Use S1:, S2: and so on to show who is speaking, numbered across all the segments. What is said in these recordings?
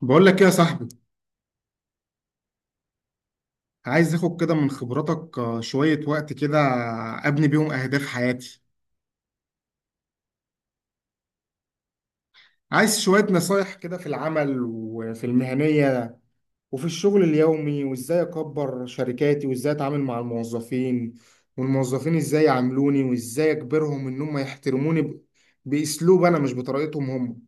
S1: بقول لك ايه يا صاحبي. عايز اخد كده من خبراتك، آه، شوية وقت كده. ابني بيهم اهداف حياتي. عايز شوية نصايح كده في العمل وفي المهنية وفي الشغل اليومي، وازاي اكبر شركاتي وازاي اتعامل مع الموظفين، والموظفين ازاي يعاملوني، وازاي اجبرهم ان هم يحترموني باسلوب انا، مش بطريقتهم هم.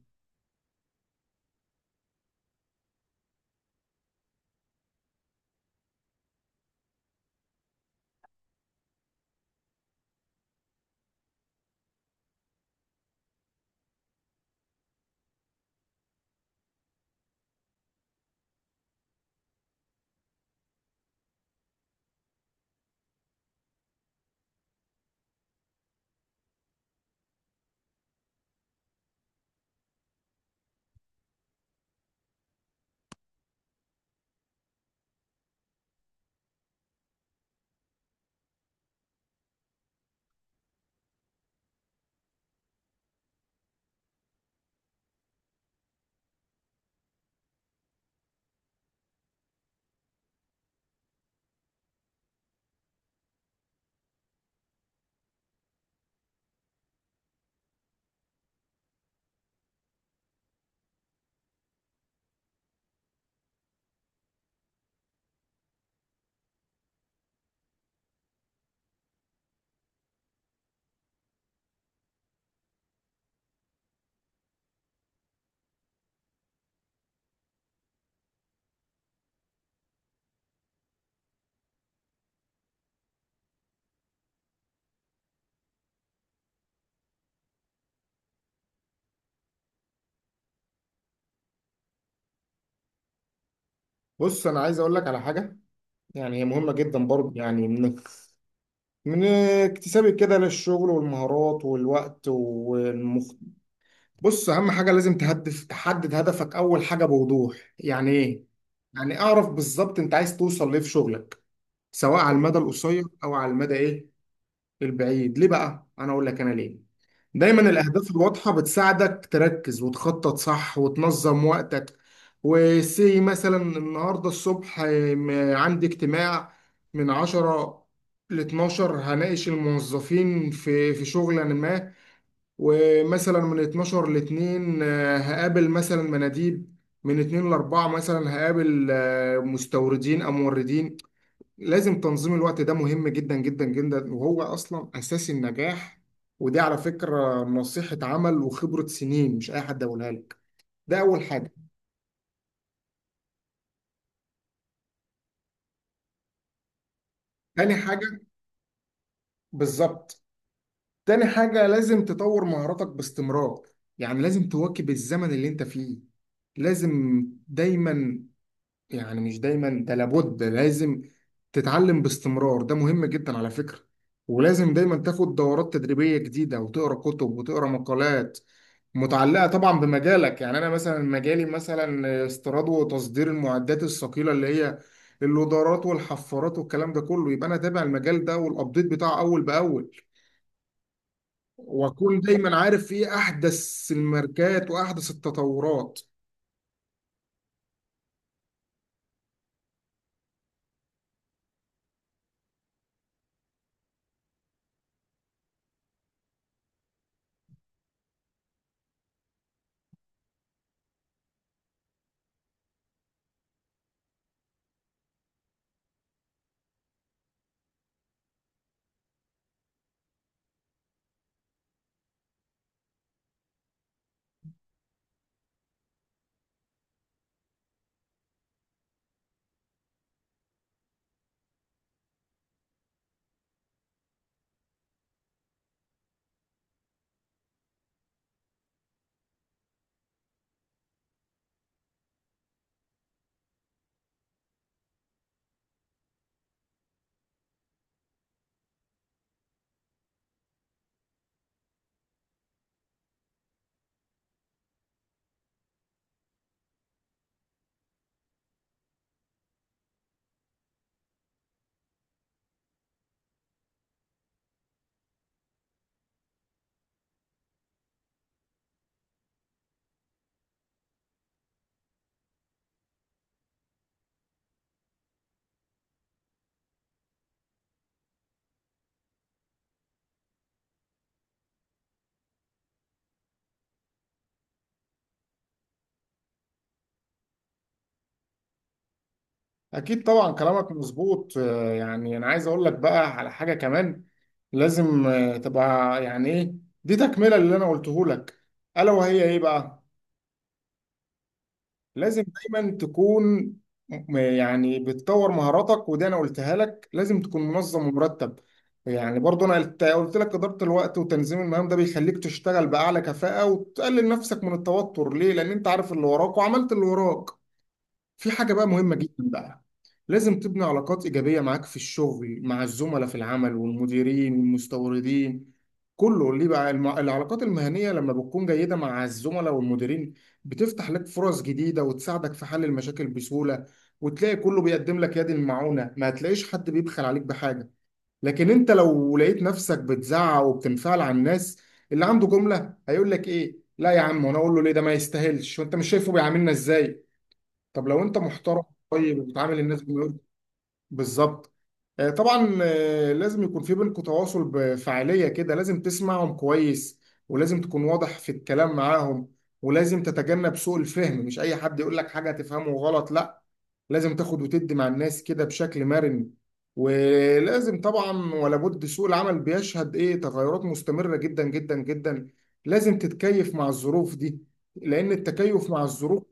S1: بص، انا عايز اقول لك على حاجة، يعني هي مهمة جدا برضه، يعني من اكتسابي كده للشغل والمهارات والوقت. بص، اهم حاجه لازم تهدف، تحدد هدفك اول حاجه بوضوح. يعني ايه؟ يعني اعرف بالظبط انت عايز توصل ليه في شغلك، سواء على المدى القصير او على المدى ايه، البعيد. ليه بقى انا اقول لك؟ انا ليه دايما الاهداف الواضحه بتساعدك تركز وتخطط صح وتنظم وقتك. وسي مثلا النهارده الصبح عندي اجتماع من 10 ل 12 هناقش الموظفين في شغل ما، ومثلا من 12 ل 2 هقابل مثلا مناديب، من 2 ل 4 مثلا هقابل مستوردين او موردين. لازم تنظيم الوقت، ده مهم جدا جدا جدا، وهو اصلا اساس النجاح. ودي على فكرة نصيحة عمل وخبرة سنين، مش اي حد يقولها لك. ده اول حاجة. تاني حاجة بالظبط، تاني حاجة لازم تطور مهاراتك باستمرار. يعني لازم تواكب الزمن اللي انت فيه. لازم دايما، يعني مش دايما، ده لابد، لازم تتعلم باستمرار، ده مهم جدا على فكرة. ولازم دايما تاخد دورات تدريبية جديدة، وتقرا كتب وتقرا مقالات متعلقة طبعا بمجالك. يعني أنا مثلا مجالي مثلا استيراد وتصدير المعدات الثقيلة، اللي هي اللودرات والحفارات والكلام ده كله، يبقى أنا تابع المجال ده والأبديت بتاعه أول بأول، وأكون دايما عارف إيه أحدث الماركات وأحدث التطورات. أكيد طبعا كلامك مظبوط، آه، يعني أنا عايز أقول لك بقى على حاجة كمان. لازم، آه، تبقى يعني إيه، دي تكملة اللي أنا قلته لك. ألا وهي إيه بقى؟ لازم دايما تكون يعني بتطور مهاراتك، ودي أنا قلتها لك. لازم تكون منظم ومرتب. يعني برضو أنا قلت لك إدارة الوقت وتنظيم المهام، ده بيخليك تشتغل بأعلى كفاءة وتقلل نفسك من التوتر. ليه؟ لأن أنت عارف اللي وراك وعملت اللي وراك. في حاجة بقى مهمة جدا بقى، لازم تبني علاقات إيجابية معاك في الشغل مع الزملاء في العمل والمديرين والمستوردين. كله ليه بقى؟ العلاقات المهنية لما بتكون جيدة مع الزملاء والمديرين بتفتح لك فرص جديدة، وتساعدك في حل المشاكل بسهولة، وتلاقي كله بيقدم لك يد المعونة، ما هتلاقيش حد بيبخل عليك بحاجة. لكن انت لو لقيت نفسك بتزعق وبتنفعل على الناس، اللي عنده جملة هيقول لك ايه، لا يا عم، وانا اقول له ليه؟ ده ما يستاهلش، وانت مش شايفه بيعاملنا ازاي؟ طب لو انت محترم، طيب، وبتعامل الناس بالظبط، آه، طبعا، آه، لازم يكون في بينكم تواصل بفعالية كده، لازم تسمعهم كويس، ولازم تكون واضح في الكلام معاهم، ولازم تتجنب سوء الفهم. مش اي حد يقول لك حاجة تفهمه غلط، لا. لازم تاخد وتدي مع الناس كده بشكل مرن. ولازم طبعا ولا بد، سوق العمل بيشهد ايه تغيرات مستمرة جدا جدا جدا. لازم تتكيف مع الظروف دي، لأن التكيف مع الظروف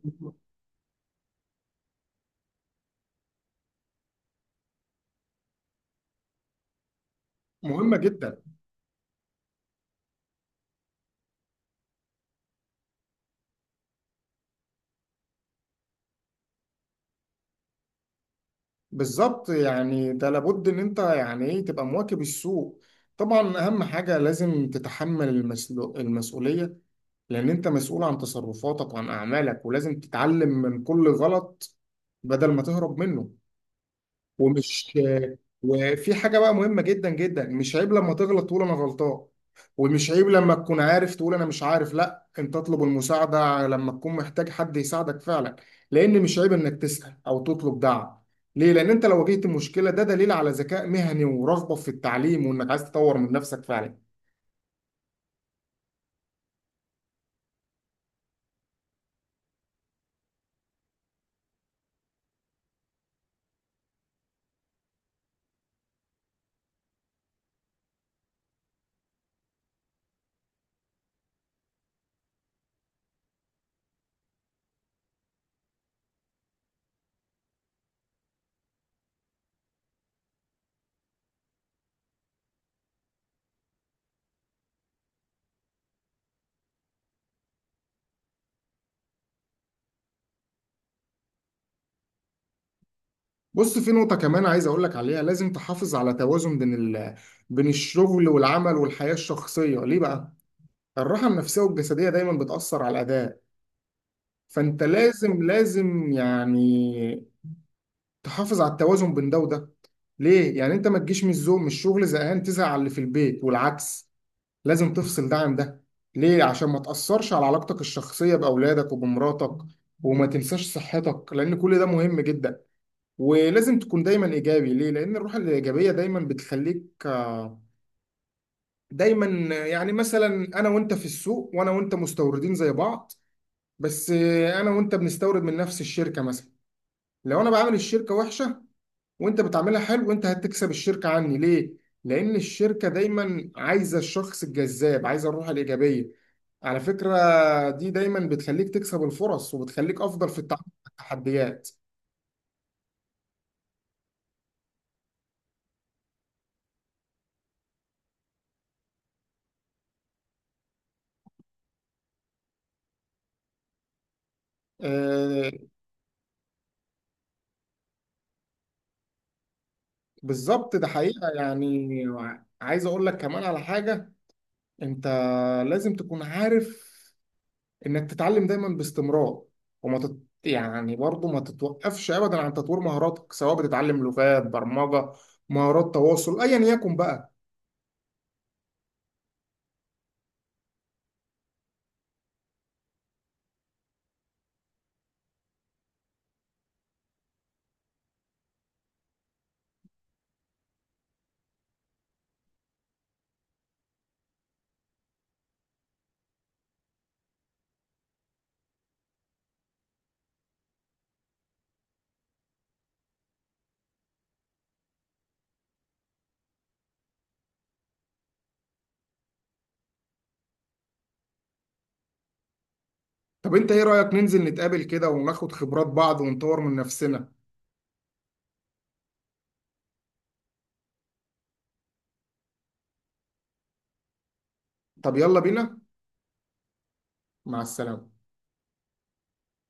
S1: مهمة جدا. بالظبط يعني ده لابد ان انت يعني ايه تبقى مواكب السوق. طبعا اهم حاجة لازم تتحمل المسؤولية، لان انت مسؤول عن تصرفاتك وعن اعمالك، ولازم تتعلم من كل غلط بدل ما تهرب منه. ومش وفي حاجة بقى مهمة جدا جدا، مش عيب لما تغلط تقول أنا غلطان، ومش عيب لما تكون عارف تقول أنا مش عارف. لا، أنت تطلب المساعدة لما تكون محتاج حد يساعدك فعلا، لأن مش عيب إنك تسأل أو تطلب دعم. ليه؟ لأن أنت لو واجهت المشكلة، ده دليل على ذكاء مهني ورغبة في التعليم، وإنك عايز تطور من نفسك فعلا. بص، في نقطة كمان عايز أقول لك عليها. لازم تحافظ على توازن بين بين الشغل والعمل والحياة الشخصية. ليه بقى؟ الراحة النفسية والجسدية دايما بتأثر على الأداء. فانت لازم يعني تحافظ على التوازن بين ده وده. ليه؟ يعني انت ما تجيش من الزوم من الشغل زهقان تزهق على اللي في البيت والعكس. لازم تفصل ده عن ده، ليه؟ عشان ما تأثرش على علاقتك الشخصية بأولادك وبمراتك، وما تنساش صحتك، لأن كل ده مهم جدا. ولازم تكون دايما إيجابي. ليه؟ لأن الروح الإيجابية دايما بتخليك، آه، دايما، يعني مثلا أنا وأنت في السوق، وأنا وأنت مستوردين زي بعض، بس، آه، أنا وأنت بنستورد من نفس الشركة مثلا. لو انا بعمل الشركه وحشه وانت بتعملها حلو، انت هتكسب الشركه عني. ليه؟ لان الشركه دايما عايزه الشخص الجذاب، عايزه الروح الايجابيه. على فكره، دي دايما بتخليك تكسب الفرص، وبتخليك افضل في التعامل مع التحديات. آه، بالظبط، ده حقيقه يعني. عايز اقول لك كمان على حاجه. انت لازم تكون عارف انك تتعلم دايما باستمرار، وما تت... يعني برضه ما تتوقفش ابدا عن تطوير مهاراتك، سواء بتتعلم لغات برمجة، مهارات تواصل، ايا يكن بقى. طب انت ايه رأيك ننزل نتقابل كده وناخد خبرات بعض ونطور من نفسنا؟ طب يلا بينا. مع السلامة.